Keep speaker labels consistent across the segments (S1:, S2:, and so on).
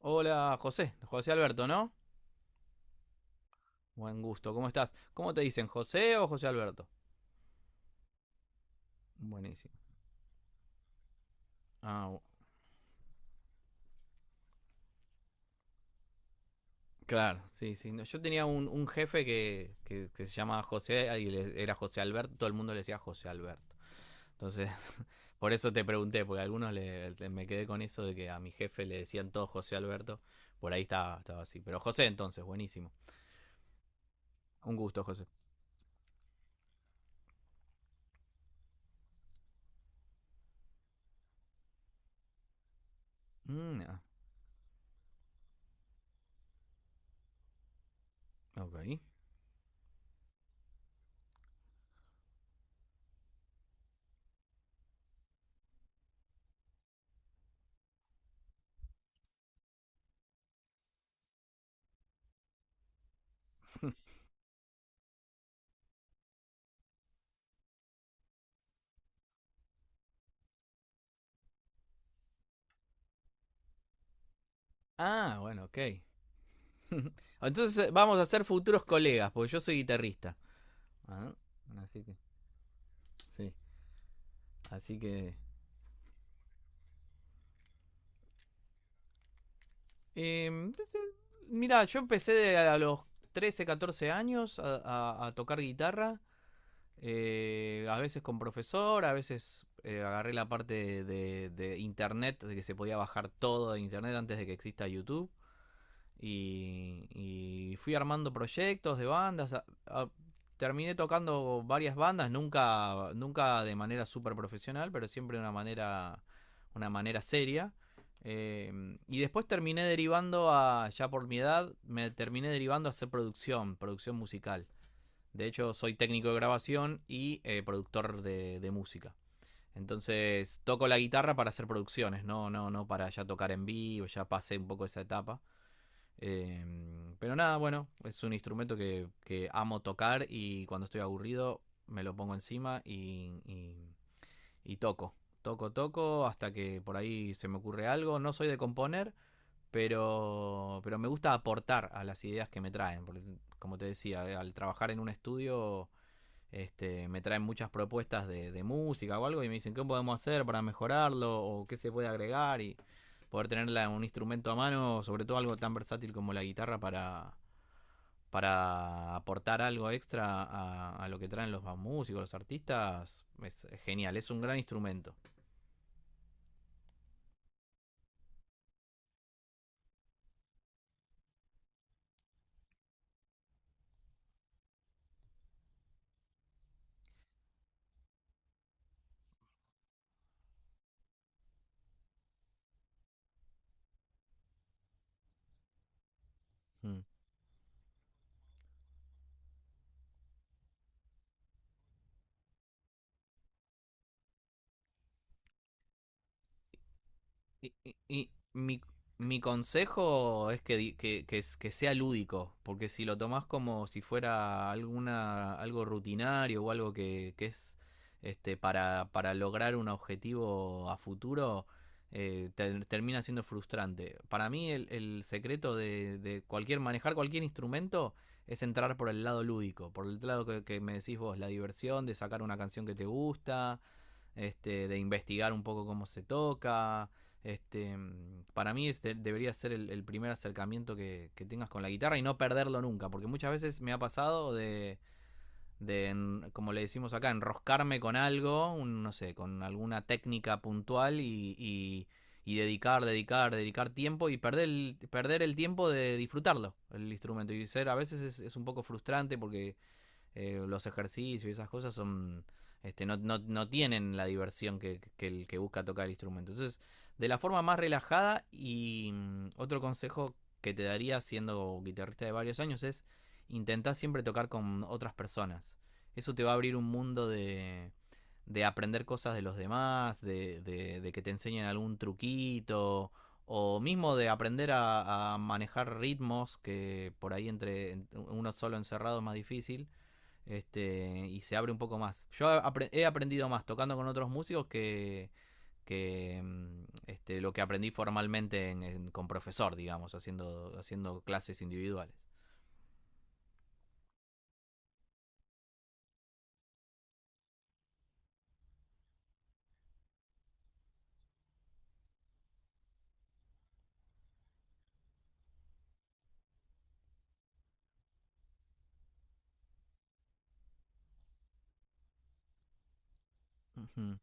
S1: Hola, José. José Alberto, ¿no? Buen gusto, ¿cómo estás? ¿Cómo te dicen, José o José Alberto? Buenísimo. Ah, bu- claro, sí, sí. No, yo tenía un jefe que se llamaba José y era José Alberto, todo el mundo le decía José Alberto. Entonces, por eso te pregunté, porque a algunos me quedé con eso de que a mi jefe le decían todo José Alberto. Por ahí estaba así. Pero José entonces, buenísimo. Un gusto, José. Mm, ah, ok. Ah, bueno, ok. Entonces vamos a ser futuros colegas, porque yo soy guitarrista. Ah, Así que, sí. Así que. eh, Mira, yo empecé a los 13, 14 años a tocar guitarra. A veces con profesor, a veces agarré la parte de internet, de que se podía bajar todo de internet antes de que exista YouTube. Y, y fui armando proyectos de bandas. Terminé tocando varias bandas, nunca de manera súper profesional, pero siempre de una manera seria. Eh, y después terminé derivando a, ya por mi edad, me terminé derivando a hacer producción, producción musical. De hecho, soy técnico de grabación y productor de música. Entonces, toco la guitarra para hacer producciones, no, no, no para ya tocar en vivo, ya pasé un poco esa etapa. Eh, pero nada, bueno, es un instrumento que amo tocar y cuando estoy aburrido me lo pongo encima y toco. Toco hasta que por ahí se me ocurre algo. No soy de componer, pero me gusta aportar a las ideas que me traen. Porque, como te decía, al trabajar en un estudio me traen muchas propuestas de música o algo y me dicen qué podemos hacer para mejorarlo o qué se puede agregar y poder tener un instrumento a mano, sobre todo algo tan versátil como la guitarra para aportar algo extra a lo que traen los músicos, los artistas, es genial, es un gran instrumento. Mm. Y, y- y mi, Mi consejo es que, que, que sea lúdico, porque si lo tomás como si fuera alguna, algo rutinario o algo que es para lograr un objetivo a futuro, termina siendo frustrante. Para mí el secreto de cualquier, manejar cualquier instrumento es entrar por el lado lúdico, por el lado que me decís vos, la diversión de sacar una canción que te gusta, de investigar un poco cómo se toca este, para mí este debería ser el primer acercamiento tengas con la guitarra y no perderlo nunca, porque muchas veces me ha pasado de como le decimos acá, enroscarme con algo, un, no sé, con alguna técnica puntual dedicar, dedicar tiempo y perder perder el tiempo de disfrutarlo, el instrumento. Y ser a veces es un poco frustrante porque los ejercicios y esas cosas son no, no, no tienen la diversión que el que busca tocar el instrumento. Entonces, de la forma más relajada y otro consejo que te daría siendo guitarrista de varios años es intentar siempre tocar con otras personas. Eso te va a abrir un mundo de aprender cosas de los demás, de que te enseñen algún truquito o mismo de aprender a manejar ritmos que por ahí uno solo encerrado es más difícil y se abre un poco más. He aprendido más tocando con otros músicos que lo que aprendí formalmente con profesor, digamos, haciendo clases individuales. Ujú.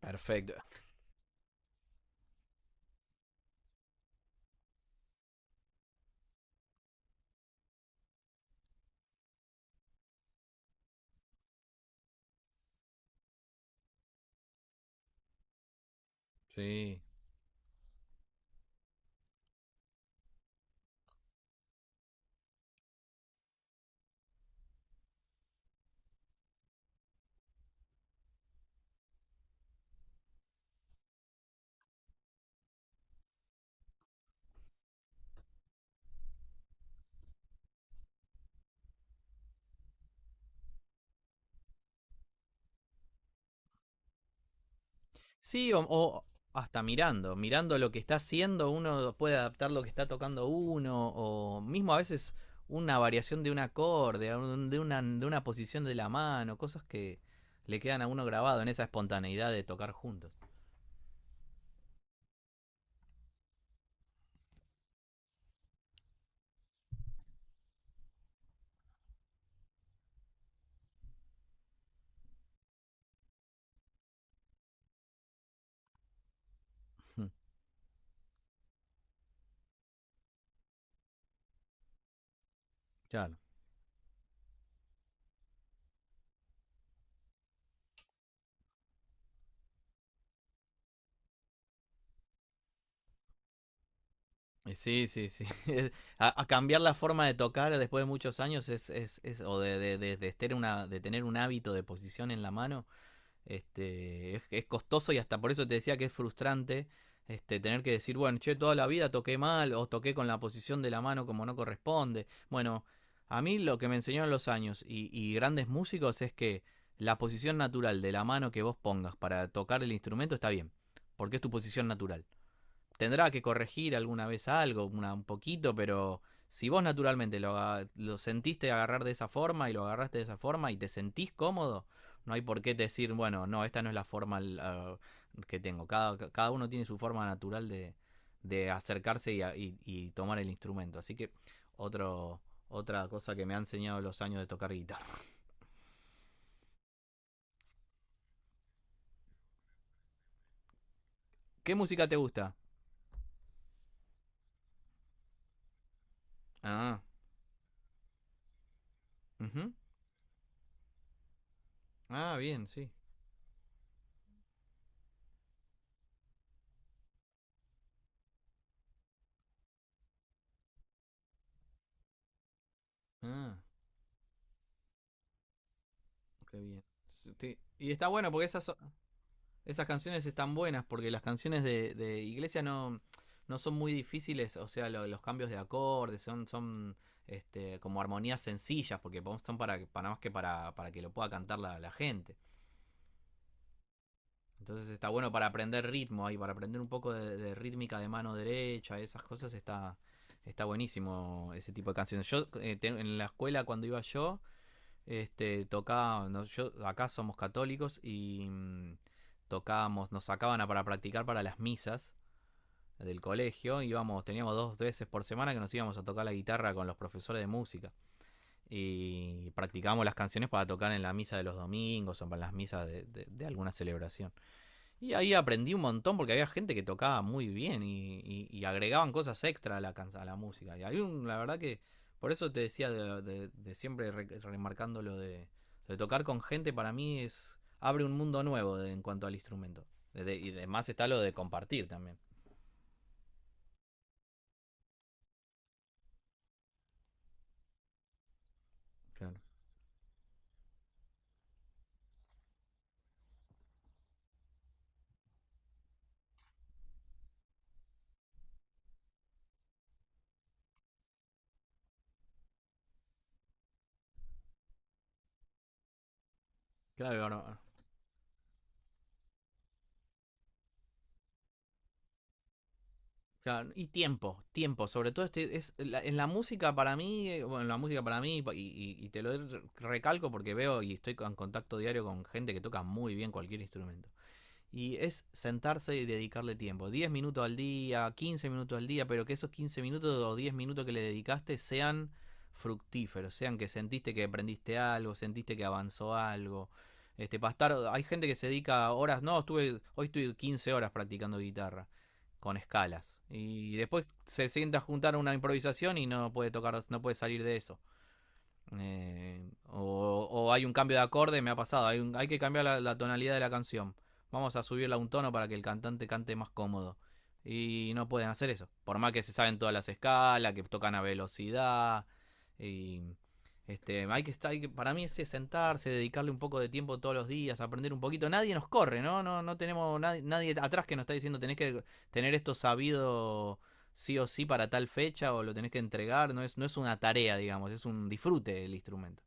S1: Perfecto. Sí. Sí, o hasta mirando lo que está haciendo, uno puede adaptar lo que está tocando uno, o mismo a veces una variación de un acorde, de una posición de la mano, cosas que le quedan a uno grabado en esa espontaneidad de tocar juntos. Claro. Y sí, sí, sí. A cambiar la forma de tocar después de muchos años o tener una, de tener un hábito de posición en la mano. Es costoso y hasta por eso te decía que es frustrante tener que decir, bueno, che, toda la vida toqué mal o toqué con la posición de la mano como no corresponde. Bueno, a mí lo que me enseñaron los años y grandes músicos es que la posición natural de la mano que vos pongas para tocar el instrumento está bien, porque es tu posición natural. Tendrá que corregir alguna vez algo, un poquito, pero si vos naturalmente lo sentiste agarrar de esa forma y lo agarraste de esa forma y te sentís cómodo, no hay por qué decir, bueno, no, esta no es la forma que tengo. Cada uno tiene su forma natural de acercarse y tomar el instrumento. Así que otro, otra cosa que me ha enseñado los años de tocar guitarra. ¿Qué música te gusta? Ah, ujú. Ah, bien, sí. Ah, qué bien. Sí, y está bueno porque esas, esas canciones están buenas porque las canciones de Iglesia no, no son muy difíciles, o sea, los cambios de acordes son, son como armonías sencillas porque son para más que para que lo pueda cantar la gente. Entonces está bueno para aprender ritmo ahí, para aprender un poco de rítmica de mano derecha, esas cosas está, está buenísimo ese tipo de canciones. Yo en la escuela cuando iba yo, tocaba, no, yo, acá somos católicos y tocábamos, nos sacaban para practicar para las misas del colegio, íbamos, teníamos dos veces por semana que nos íbamos a tocar la guitarra con los profesores de música y practicábamos las canciones para tocar en la misa de los domingos o para las misas de alguna celebración. Y ahí aprendí un montón porque había gente que tocaba muy bien y agregaban cosas extra a la música. Y hay un, la verdad que por eso te decía de siempre remarcando lo de tocar con gente, para mí es abre un mundo nuevo en cuanto al instrumento. Y además está lo de compartir también. Claro, claro. Claro. Y tiempo, tiempo, sobre todo es, en la música para mí, bueno, en la música para mí, y te lo recalco porque veo y estoy en contacto diario con gente que toca muy bien cualquier instrumento. Y es sentarse y dedicarle tiempo. 10 minutos al día, 15 minutos al día, pero que esos 15 minutos o 10 minutos que le dedicaste sean fructíferos, sean que sentiste que aprendiste algo, sentiste que avanzó algo. Para estar, hay gente que se dedica horas, no, estuve, hoy estuve 15 horas practicando guitarra con escalas. Y después se sienta a juntar una improvisación y no puede tocar, no puede salir de eso. O, o hay un cambio de acorde, me ha pasado. Hay, hay que cambiar la tonalidad de la canción. Vamos a subirla un tono para que el cantante cante más cómodo. Y no pueden hacer eso. Por más que se saben todas las escalas, que tocan a velocidad. Y hay que estar, para mí es sentarse, dedicarle un poco de tiempo todos los días, aprender un poquito. Nadie nos corre, ¿no? No, no tenemos nadie, nadie atrás que nos está diciendo tenés que tener esto sabido sí o sí para tal fecha o lo tenés que entregar, no es, no es una tarea, digamos, es un disfrute del instrumento.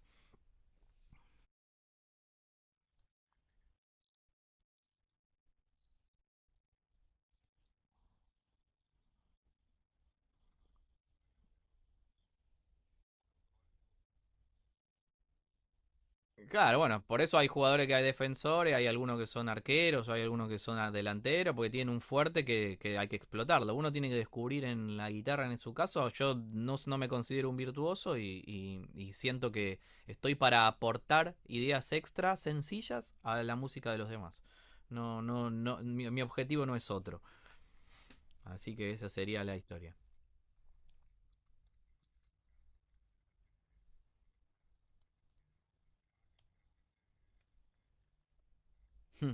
S1: Claro, bueno, por eso hay jugadores que hay defensores, hay algunos que son arqueros, hay algunos que son delanteros, porque tienen un fuerte que hay que explotarlo. Uno tiene que descubrir en la guitarra, en su caso, yo no, no me considero un virtuoso y siento que estoy para aportar ideas extra sencillas a la música de los demás. No, no, no, mi objetivo no es otro. Así que esa sería la historia. Hmm.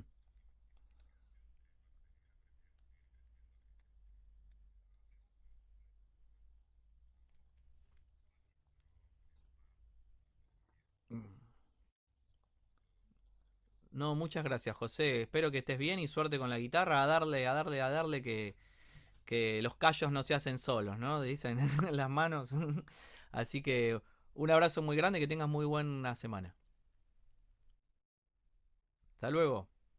S1: No, muchas gracias, José. Espero que estés bien y suerte con la guitarra. A darle que los callos no se hacen solos, ¿no? Dicen en las manos. Así que un abrazo muy grande y que tengas muy buena semana. Hasta luego.